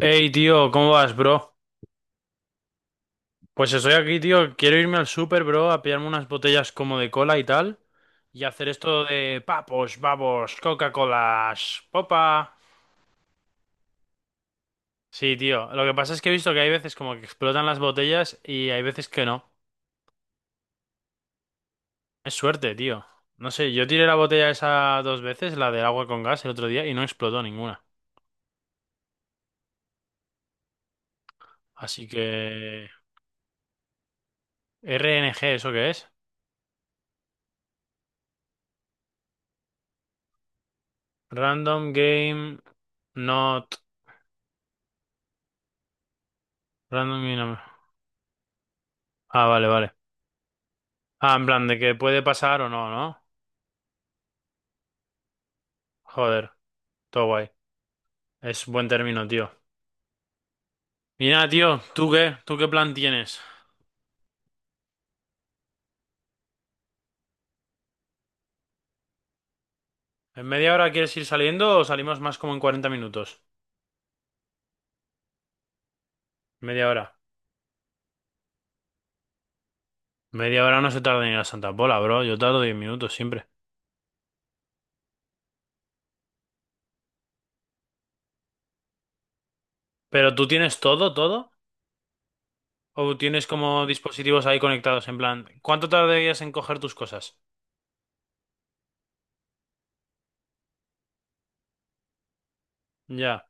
Hey, tío, ¿cómo vas, bro? Pues estoy aquí, tío. Quiero irme al super, bro, a pillarme unas botellas como de cola y tal. Y hacer esto de papos, babos, Coca-Colas, popa. Sí, tío. Lo que pasa es que he visto que hay veces como que explotan las botellas y hay veces que no. Es suerte, tío. No sé, yo tiré la botella esa dos veces, la del agua con gas, el otro día, y no explotó ninguna. Así que... RNG, ¿eso qué es? Random Game Not... Random Game... Ah, vale, vale. Ah, en plan, de que puede pasar o no, ¿no? Joder, todo guay. Es buen término, tío. Y nada, tío, ¿tú qué? ¿Tú qué plan tienes? ¿En media hora quieres ir saliendo o salimos más como en 40 minutos? Media hora. Media hora no se tarda ni ir a Santa Pola, bro. Yo tardo 10 minutos siempre. ¿Pero tú tienes todo, todo? ¿O tienes como dispositivos ahí conectados? En plan, ¿cuánto tardarías en coger tus cosas? Ya.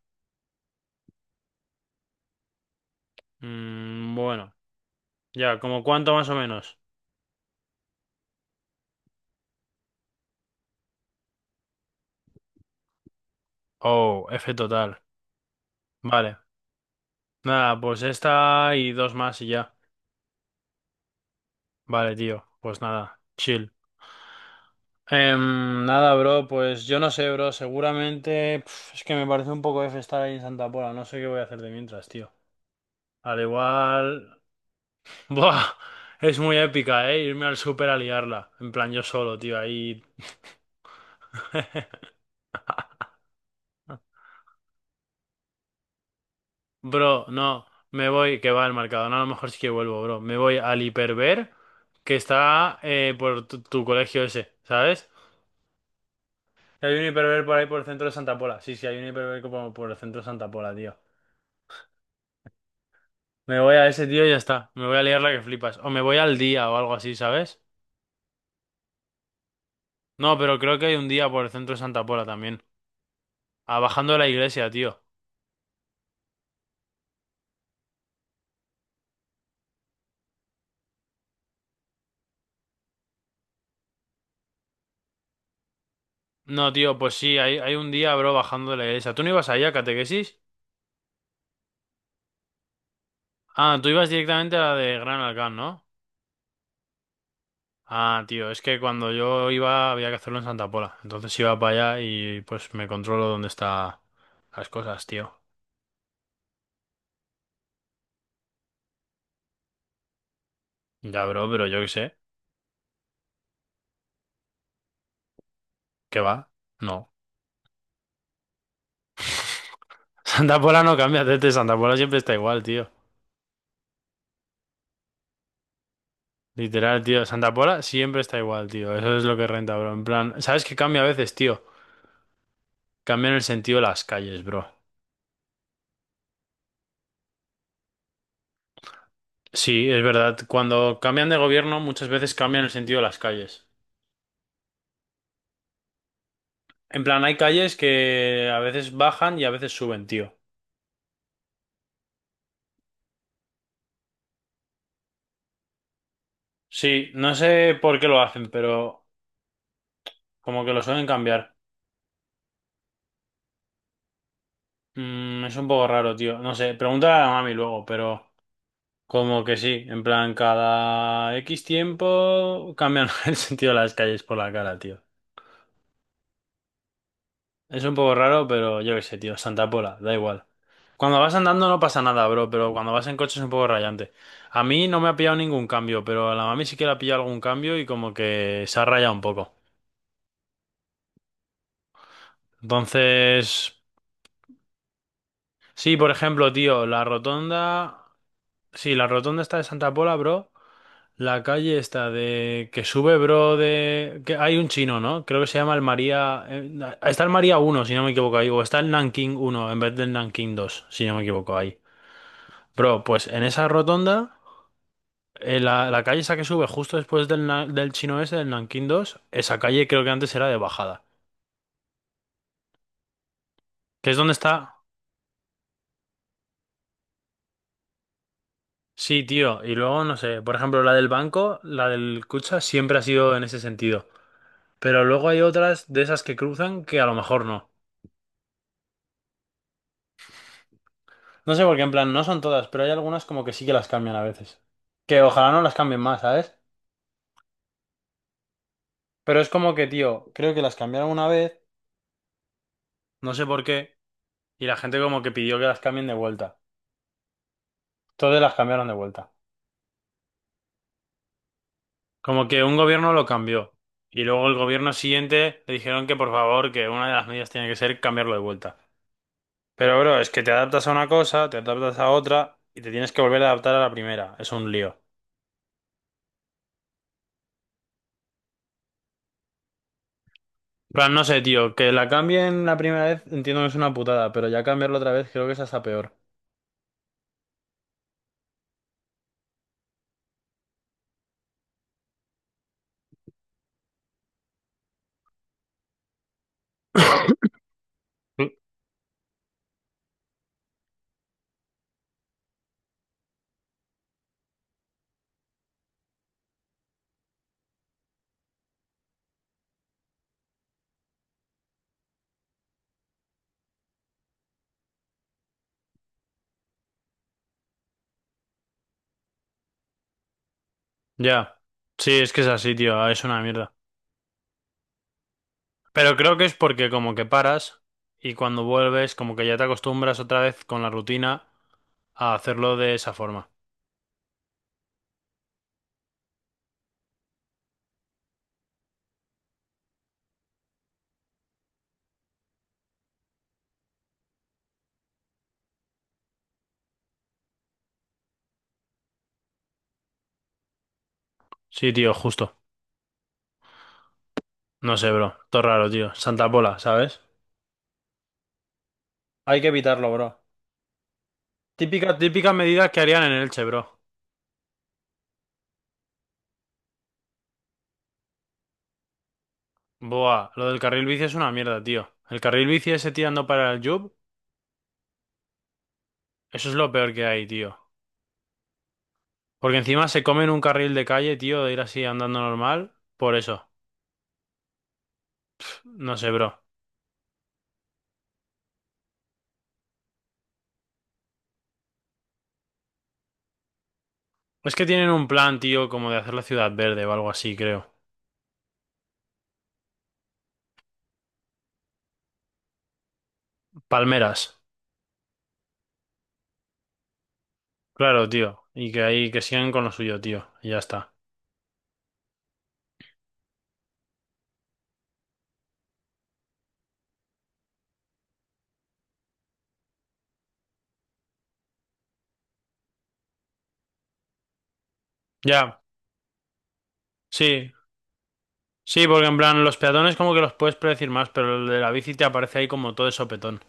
Mm, bueno. Ya, ¿como cuánto más o menos? Oh, F total. Vale. Nada, pues esta y dos más y ya. Vale, tío. Pues nada, chill. Nada, bro, pues yo no sé, bro. Seguramente pf, es que me parece un poco F estar ahí en Santa Pola. No sé qué voy a hacer de mientras, tío. Al igual. Buah, es muy épica, ¿eh? Irme al súper a liarla. En plan, yo solo, tío, ahí. Bro, no. Me voy, que va al mercado. No, a lo mejor sí que vuelvo, bro. Me voy al Hiperver, que está por tu colegio ese, ¿sabes? Hay un hiperver por ahí por el centro de Santa Pola. Sí, sí, hay un hiperver como por el centro de Santa Pola, tío. Me voy a ese tío y ya está. Me voy a liar la que flipas. O me voy al día o algo así, ¿sabes? No, pero creo que hay un día por el centro de Santa Pola también. Ah, bajando de la iglesia, tío. No, tío, pues sí, hay un día, bro, bajando de la iglesia. ¿Tú no ibas ahí a catequesis? Ah, tú ibas directamente a la de Gran Alcán, ¿no? Ah, tío, es que cuando yo iba había que hacerlo en Santa Pola. Entonces iba para allá y pues me controlo dónde está las cosas, tío. Ya, bro, pero yo qué sé. ¿Qué va? No. Santa Pola no cambia, Tete. Santa Pola siempre está igual, tío. Literal, tío. Santa Pola siempre está igual, tío. Eso es lo que renta, bro. En plan, ¿sabes qué cambia a veces, tío? Cambian el sentido de las calles, bro. Sí, es verdad. Cuando cambian de gobierno, muchas veces cambian el sentido de las calles. En plan, hay calles que a veces bajan y a veces suben, tío. Sí, no sé por qué lo hacen, pero como que lo suelen cambiar. Es un poco raro, tío. No sé, pregúntale a la mami luego, pero... Como que sí, en plan, cada X tiempo cambian el sentido de las calles por la cara, tío. Es un poco raro, pero yo qué sé, tío, Santa Pola, da igual. Cuando vas andando no pasa nada, bro, pero cuando vas en coche es un poco rayante. A mí no me ha pillado ningún cambio, pero a la mami sí que le ha pillado algún cambio y como que se ha rayado un poco. Entonces, sí, por ejemplo, tío, la rotonda... Sí, la rotonda está de Santa Pola, bro. La calle está de que sube, bro, de que hay un chino, ¿no? Creo que se llama el María está el María 1, si no me equivoco ahí, o está el Nanking 1 en vez del Nanking 2, si no me equivoco ahí. Bro, pues en esa rotonda, la calle esa que sube justo después del, del chino ese, del Nanking 2, esa calle creo que antes era de bajada, que es donde está. Sí, tío, y luego no sé, por ejemplo, la del banco, la del Kutxa siempre ha sido en ese sentido, pero luego hay otras de esas que cruzan que a lo mejor no. No sé por qué, en plan, no son todas, pero hay algunas como que sí que las cambian a veces. Que ojalá no las cambien más, ¿sabes? Pero es como que, tío, creo que las cambiaron una vez, no sé por qué, y la gente como que pidió que las cambien de vuelta. Todas las cambiaron de vuelta. Como que un gobierno lo cambió. Y luego el gobierno siguiente le dijeron que por favor, que una de las medidas tiene que ser cambiarlo de vuelta. Pero, bro, es que te adaptas a una cosa, te adaptas a otra, y te tienes que volver a adaptar a la primera. Es un lío. Plan, no sé, tío, que la cambien la primera vez entiendo que es una putada, pero ya cambiarlo otra vez creo que es hasta peor. Mm. Ya. Sí, es que es así, tío, ah, es una mierda. Pero creo que es porque como que paras y cuando vuelves como que ya te acostumbras otra vez con la rutina a hacerlo de esa forma. Sí, tío, justo. No sé, bro. Todo raro, tío. Santa Pola, ¿sabes? Hay que evitarlo, bro. Típica, típica medida que harían en Elche, bro. Buah, lo del carril bici es una mierda, tío. El carril bici ese tirando para el Jub, eso es lo peor que hay, tío. Porque encima se comen un carril de calle, tío, de ir así andando normal. Por eso. No sé, bro. Es que tienen un plan, tío, como de hacer la ciudad verde o algo así, creo. Palmeras. Claro, tío. Y que ahí que sigan con lo suyo, tío. Y ya está. Ya. Sí. Sí, porque en plan, los peatones como que los puedes predecir más, pero el de la bici te aparece ahí como todo de sopetón.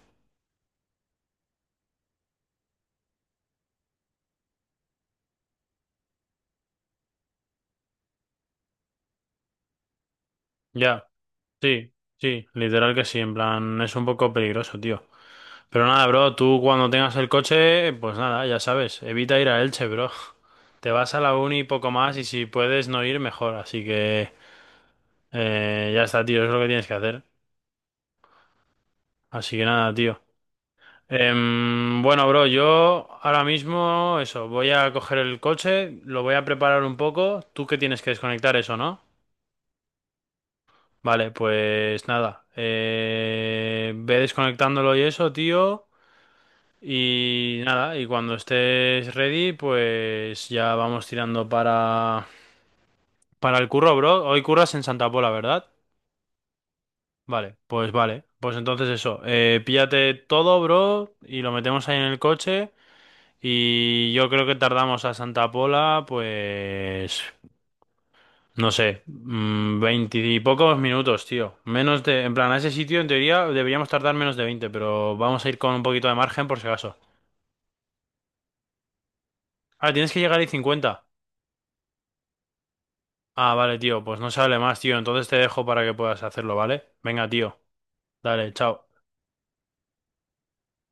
Ya. Sí. Sí. Literal que sí. En plan, es un poco peligroso, tío. Pero nada, bro, tú cuando tengas el coche, pues nada, ya sabes, evita ir a Elche, bro. Te vas a la uni y poco más y si puedes no ir, mejor. Así que ya está, tío, es lo que tienes que hacer. Así que nada, tío. Bueno, bro, yo ahora mismo, eso, voy a coger el coche, lo voy a preparar un poco. Tú que tienes que desconectar eso, ¿no? Vale, pues nada. Ve desconectándolo y eso, tío. Y nada, y cuando estés ready, pues ya vamos tirando para el curro, bro. Hoy curras en Santa Pola, ¿verdad? Vale. Pues entonces eso, píllate todo, bro, y lo metemos ahí en el coche. Y yo creo que tardamos a Santa Pola, pues, no sé, veinte y pocos minutos, tío. Menos de, en plan, a ese sitio en teoría deberíamos tardar menos de veinte, pero vamos a ir con un poquito de margen por si acaso. Ah, tienes que llegar ahí cincuenta. Ah, vale, tío, pues no se hable más, tío. Entonces te dejo para que puedas hacerlo, ¿vale? Venga, tío. Dale, chao.